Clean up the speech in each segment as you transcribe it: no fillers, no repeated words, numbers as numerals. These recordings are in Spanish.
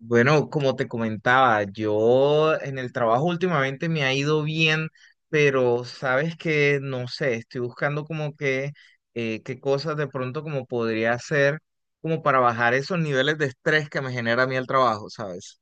Bueno, como te comentaba, yo en el trabajo últimamente me ha ido bien, pero sabes que no sé, estoy buscando como que qué cosas de pronto como podría hacer como para bajar esos niveles de estrés que me genera a mí el trabajo, ¿sabes?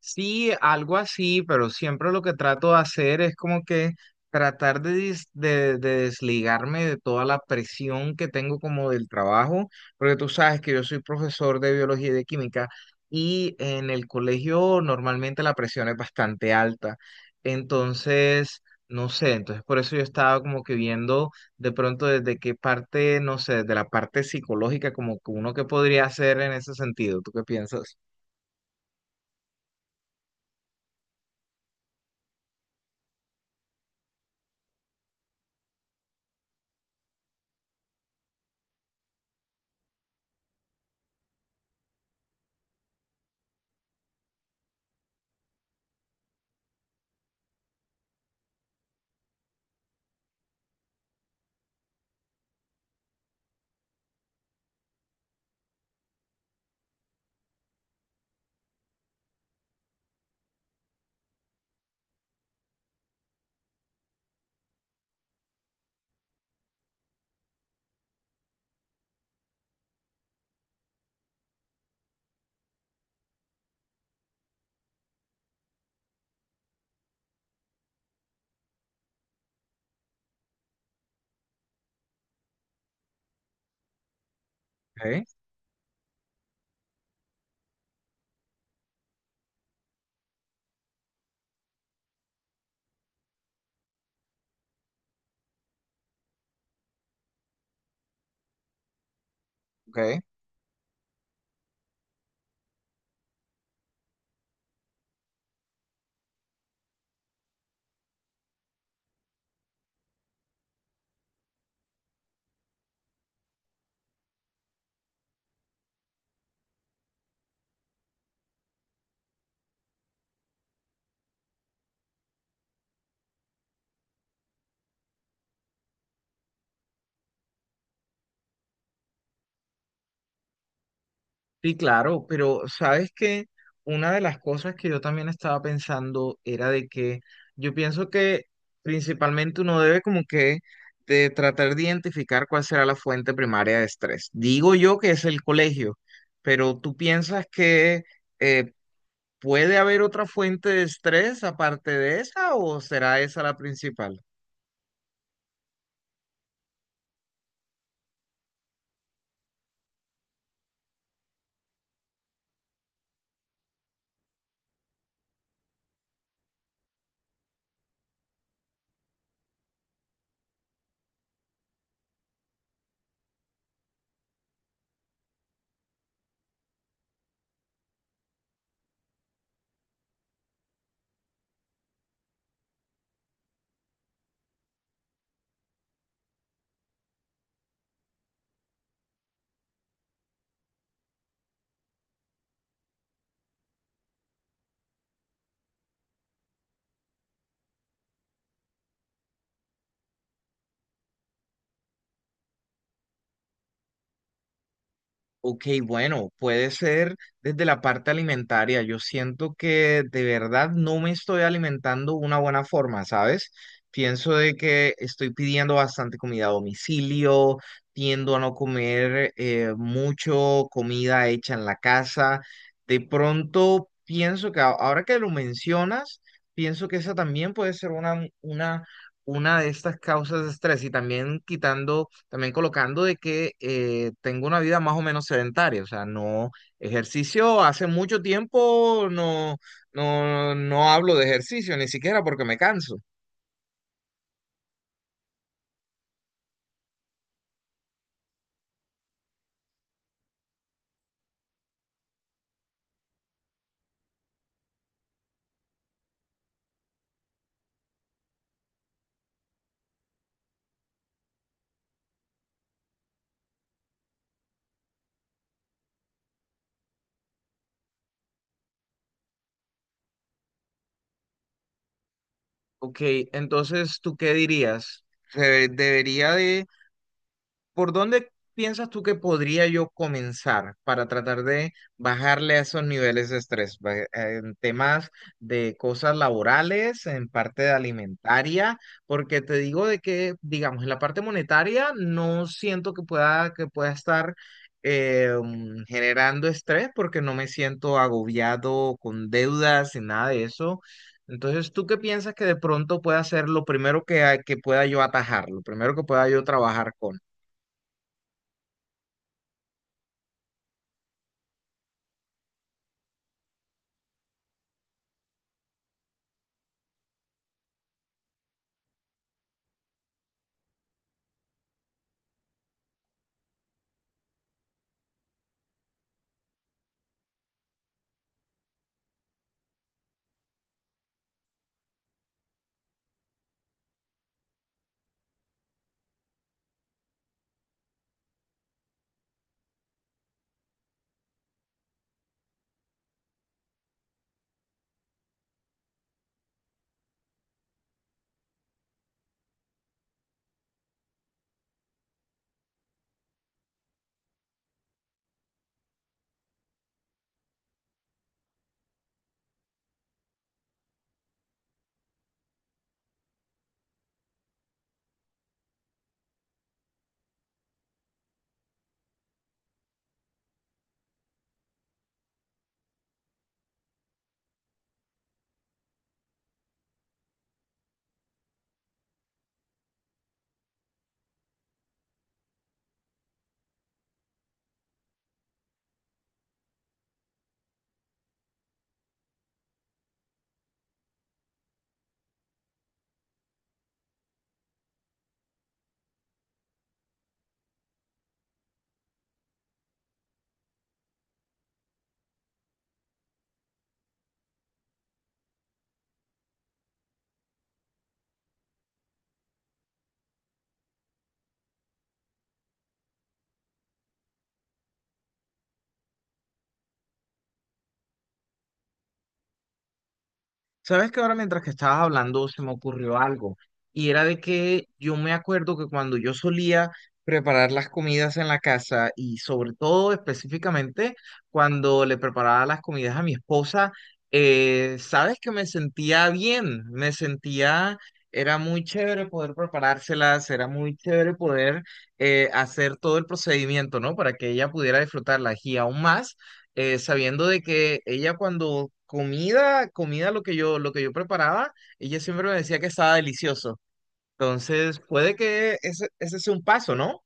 Sí, algo así, pero siempre lo que trato de hacer es como que tratar de desligarme de toda la presión que tengo como del trabajo, porque tú sabes que yo soy profesor de biología y de química y en el colegio normalmente la presión es bastante alta. Entonces, no sé, entonces por eso yo estaba como que viendo de pronto desde qué parte, no sé, desde la parte psicológica, como que uno que podría hacer en ese sentido. ¿Tú qué piensas? Ok, ok. Sí, claro, pero sabes que una de las cosas que yo también estaba pensando era de que yo pienso que principalmente uno debe como que de tratar de identificar cuál será la fuente primaria de estrés. Digo yo que es el colegio, pero ¿tú piensas que eh, puede haber otra fuente de estrés aparte de esa o será esa la principal? Ok, bueno, puede ser desde la parte alimentaria. Yo siento que de verdad no me estoy alimentando de una buena forma, ¿sabes? Pienso de que estoy pidiendo bastante comida a domicilio, tiendo a no comer mucho comida hecha en la casa. De pronto pienso que ahora que lo mencionas, pienso que esa también puede ser una de estas causas de estrés y también quitando también colocando de que tengo una vida más o menos sedentaria, o sea, no ejercicio, hace mucho tiempo no hablo de ejercicio, ni siquiera porque me canso. Ok, entonces, ¿tú qué dirías? ¿Se ¿Debería de ¿Por dónde piensas tú que podría yo comenzar para tratar de bajarle a esos niveles de estrés? En temas de cosas laborales, en parte de alimentaria, porque te digo de que, digamos, en la parte monetaria no siento que que pueda estar generando estrés porque no me siento agobiado con deudas y nada de eso. Entonces, ¿tú qué piensas que de pronto pueda ser lo primero que pueda yo atajar, lo primero que pueda yo trabajar con? Sabes que ahora mientras que estabas hablando se me ocurrió algo y era de que yo me acuerdo que cuando yo solía preparar las comidas en la casa y sobre todo específicamente cuando le preparaba las comidas a mi esposa, sabes que me sentía bien, me sentía, era muy chévere poder preparárselas, era muy chévere poder hacer todo el procedimiento, ¿no? Para que ella pudiera disfrutarlas y aún más sabiendo de que ella cuando comida lo que yo preparaba, ella siempre me decía que estaba delicioso. Entonces, puede que ese sea un paso, ¿no?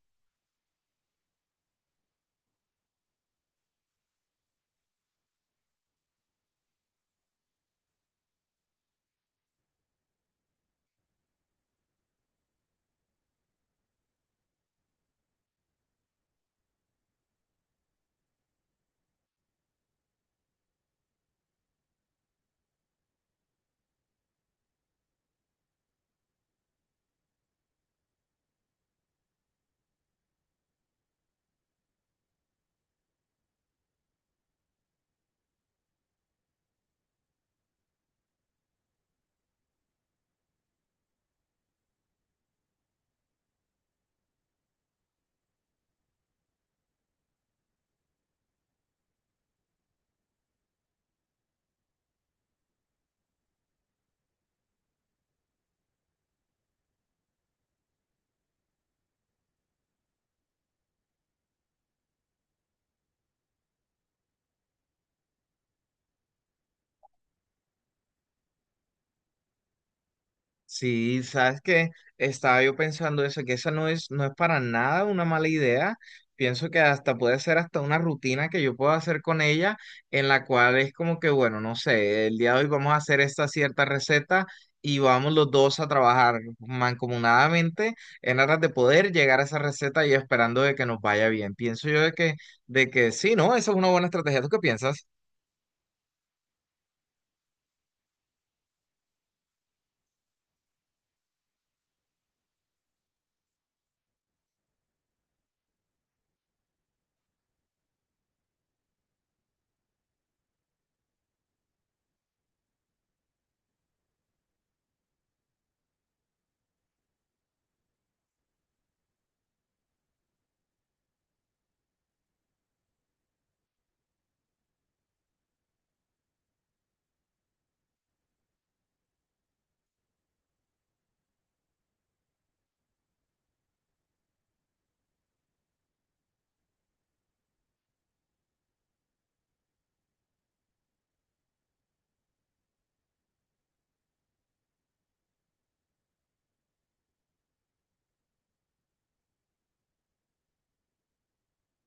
Sí, sabes que estaba yo pensando eso, que esa no es para nada una mala idea. Pienso que hasta puede ser hasta una rutina que yo puedo hacer con ella, en la cual es como que, bueno, no sé, el día de hoy vamos a hacer esta cierta receta y vamos los dos a trabajar mancomunadamente en aras de poder llegar a esa receta y esperando de que nos vaya bien. Pienso yo de que sí, ¿no? Esa es una buena estrategia. ¿Tú qué piensas?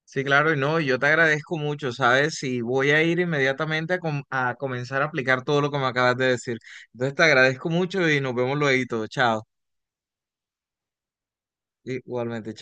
Sí, claro, y no, yo te agradezco mucho, ¿sabes? Y voy a ir inmediatamente a comenzar a aplicar todo lo que me acabas de decir. Entonces te agradezco mucho y nos vemos luego. Chao. Igualmente, chao.